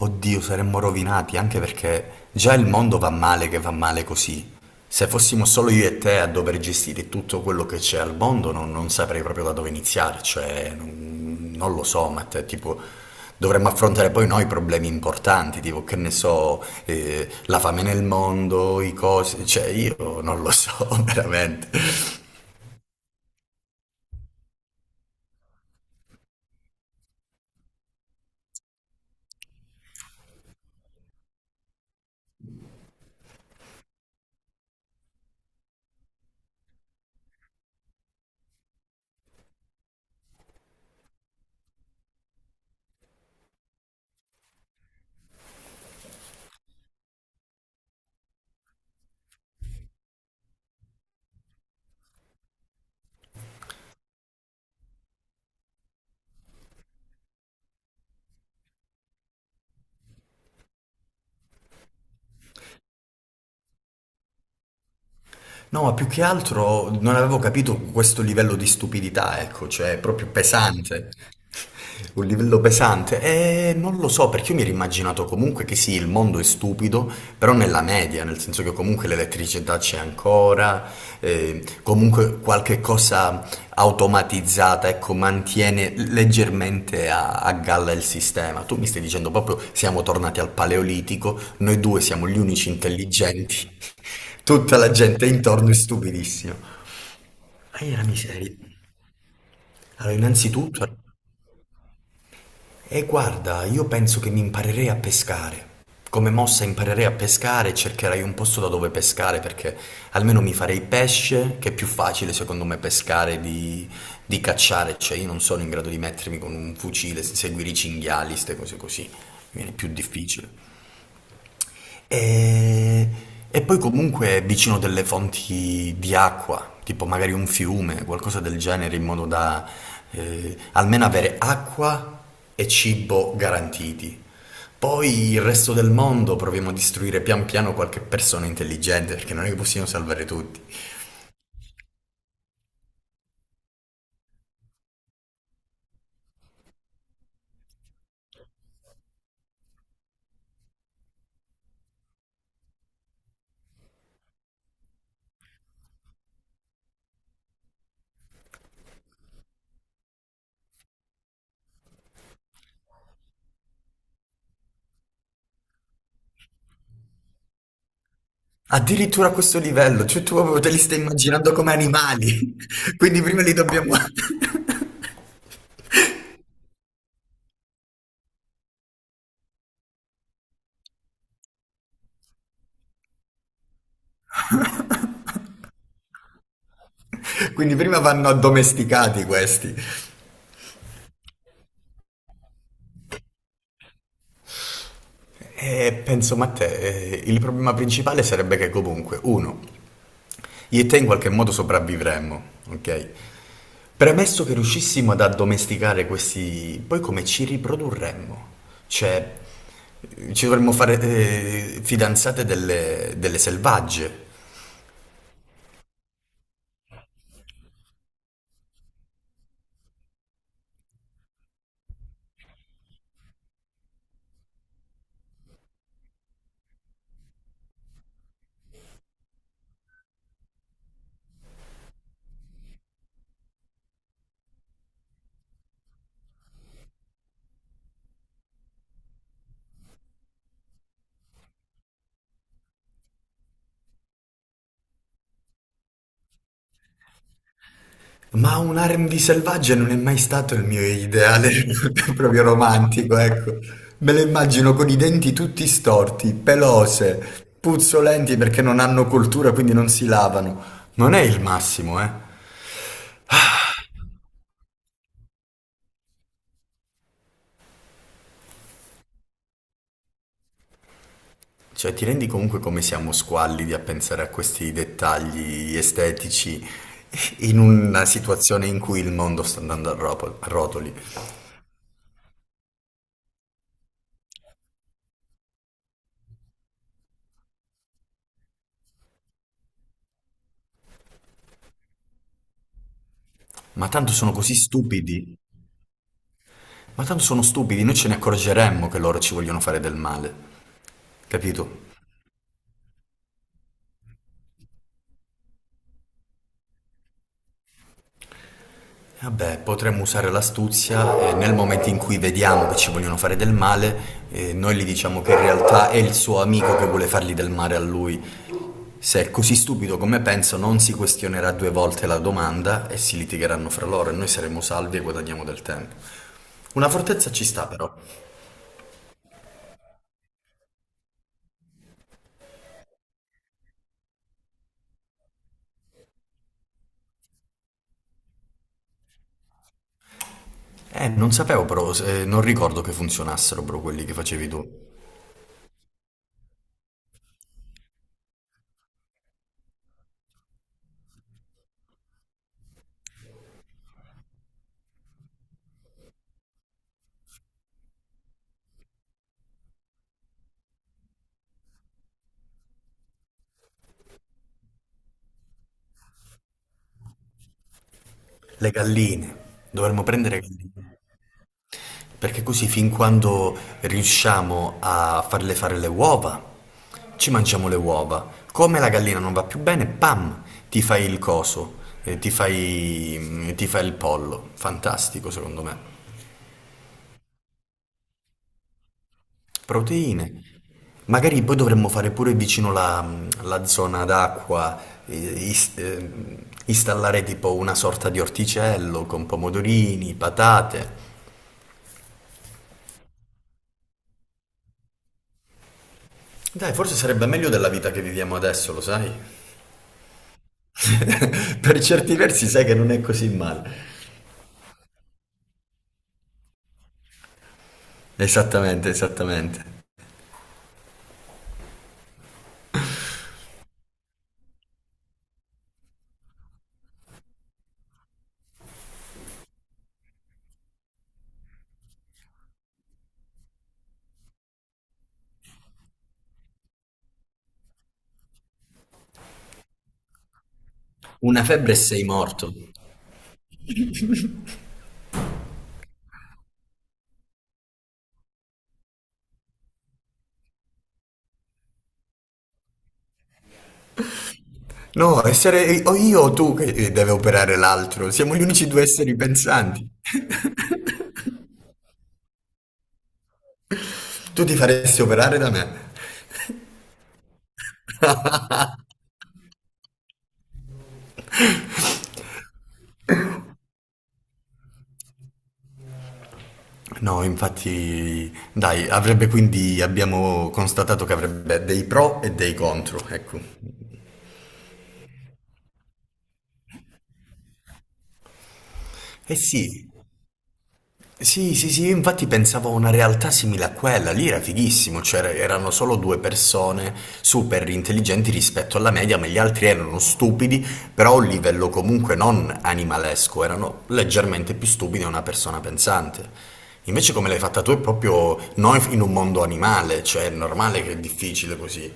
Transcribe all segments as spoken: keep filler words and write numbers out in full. Oddio, saremmo rovinati anche perché già il mondo va male che va male così. Se fossimo solo io e te a dover gestire tutto quello che c'è al mondo, non, non saprei proprio da dove iniziare, cioè non, non lo so, ma te, tipo dovremmo affrontare poi noi problemi importanti, tipo che ne so, eh, la fame nel mondo, i cose, cioè io non lo so veramente. No, ma più che altro non avevo capito questo livello di stupidità, ecco, cioè è proprio pesante. Un livello pesante. E non lo so, perché io mi ero immaginato comunque che sì, il mondo è stupido, però nella media, nel senso che comunque l'elettricità c'è ancora, eh, comunque qualche cosa automatizzata, ecco, mantiene leggermente a, a galla il sistema. Tu mi stai dicendo proprio siamo tornati al Paleolitico, noi due siamo gli unici intelligenti, tutta la gente intorno è stupidissima. Ma io la miseria. Allora, innanzitutto, e guarda, io penso che mi imparerei a pescare. Come mossa imparerei a pescare e cercherei un posto da dove pescare perché almeno mi farei pesce, che è più facile secondo me pescare di, di cacciare. Cioè io non sono in grado di mettermi con un fucile, seguire i cinghiali, ste cose così. Mi viene più difficile. E, e poi comunque vicino delle fonti di acqua, tipo magari un fiume, qualcosa del genere, in modo da eh, almeno avere acqua e cibo garantiti. Poi il resto del mondo proviamo a distruggere pian piano qualche persona intelligente, perché non è che possiamo salvare tutti. Addirittura a questo livello, cioè tu proprio te li stai immaginando come animali, quindi prima li dobbiamo... quindi prima vanno addomesticati questi. Eh, penso, ma te, eh, il problema principale sarebbe che comunque, uno, io e te in qualche modo sopravvivremmo, ok? Premesso che riuscissimo ad addomesticare questi, poi come ci riprodurremmo? Cioè, eh, ci dovremmo fare eh, fidanzate delle, delle selvagge. Ma un erre e bi selvaggia non è mai stato il mio ideale proprio romantico, ecco. Me le immagino con i denti tutti storti, pelose, puzzolenti perché non hanno cultura, quindi non si lavano. Non è il massimo, eh. Cioè, ti rendi comunque come siamo squallidi a pensare a questi dettagli estetici in una situazione in cui il mondo sta andando a ropo- a rotoli. Ma tanto sono così stupidi. Ma tanto sono stupidi, noi ce ne accorgeremmo che loro ci vogliono fare del male. Capito? Vabbè, potremmo usare l'astuzia e nel momento in cui vediamo che ci vogliono fare del male, eh, noi gli diciamo che in realtà è il suo amico che vuole fargli del male a lui. Se è così stupido come penso, non si questionerà due volte la domanda e si litigheranno fra loro e noi saremo salvi e guadagniamo del tempo. Una fortezza ci sta però. Eh, non sapevo però, eh, non ricordo che funzionassero però quelli che facevi tu. Le galline. Dovremmo prendere galline. Perché così fin quando riusciamo a farle fare le uova, ci mangiamo le uova. Come la gallina non va più bene, pam, ti fai il coso, eh, ti fai, mm, ti fai il pollo. Fantastico secondo me. Proteine. Magari poi dovremmo fare pure vicino la, mm, la zona d'acqua, eh, is- eh, installare tipo una sorta di orticello con pomodorini, patate. Dai, forse sarebbe meglio della vita che viviamo adesso, lo sai? Per certi versi sai che non è così male. Esattamente, esattamente. Una febbre e sei morto. No, essere o io o tu che eh, deve operare l'altro. Siamo gli unici due esseri pensanti. Tu ti faresti operare da me. No, infatti, dai, avrebbe quindi, abbiamo constatato che avrebbe dei pro e dei contro, ecco. Eh sì, sì, sì, sì, io infatti pensavo a una realtà simile a quella, lì era fighissimo, cioè er- erano solo due persone super intelligenti rispetto alla media, ma gli altri erano stupidi, però a un livello comunque non animalesco, erano leggermente più stupidi di una persona pensante. Invece come l'hai fatta tu è proprio noi in un mondo animale, cioè è normale che è difficile così.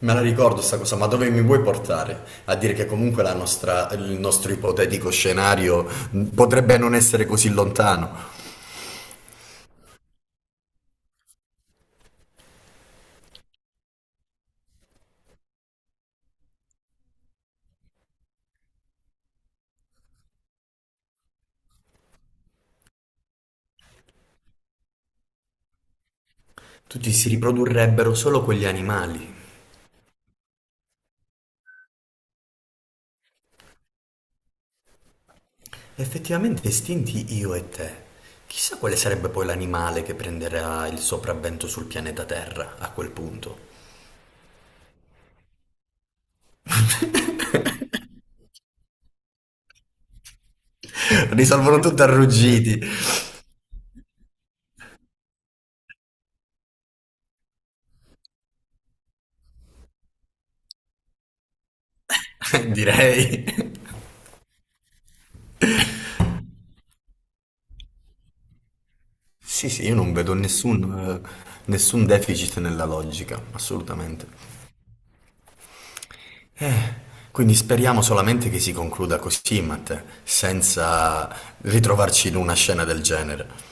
Me la ricordo sta cosa, ma dove mi vuoi portare? A dire che comunque la nostra- il nostro ipotetico scenario potrebbe non essere così lontano. Tutti si riprodurrebbero solo quegli animali. Effettivamente estinti io e te. Chissà quale sarebbe poi l'animale che prenderà il sopravvento sul pianeta Terra a quel punto. Risolvono tutto a ruggiti, direi. Sì, sì, io non vedo nessun, eh, nessun deficit nella logica, assolutamente. Quindi speriamo solamente che si concluda così, Matteo, senza ritrovarci in una scena del genere.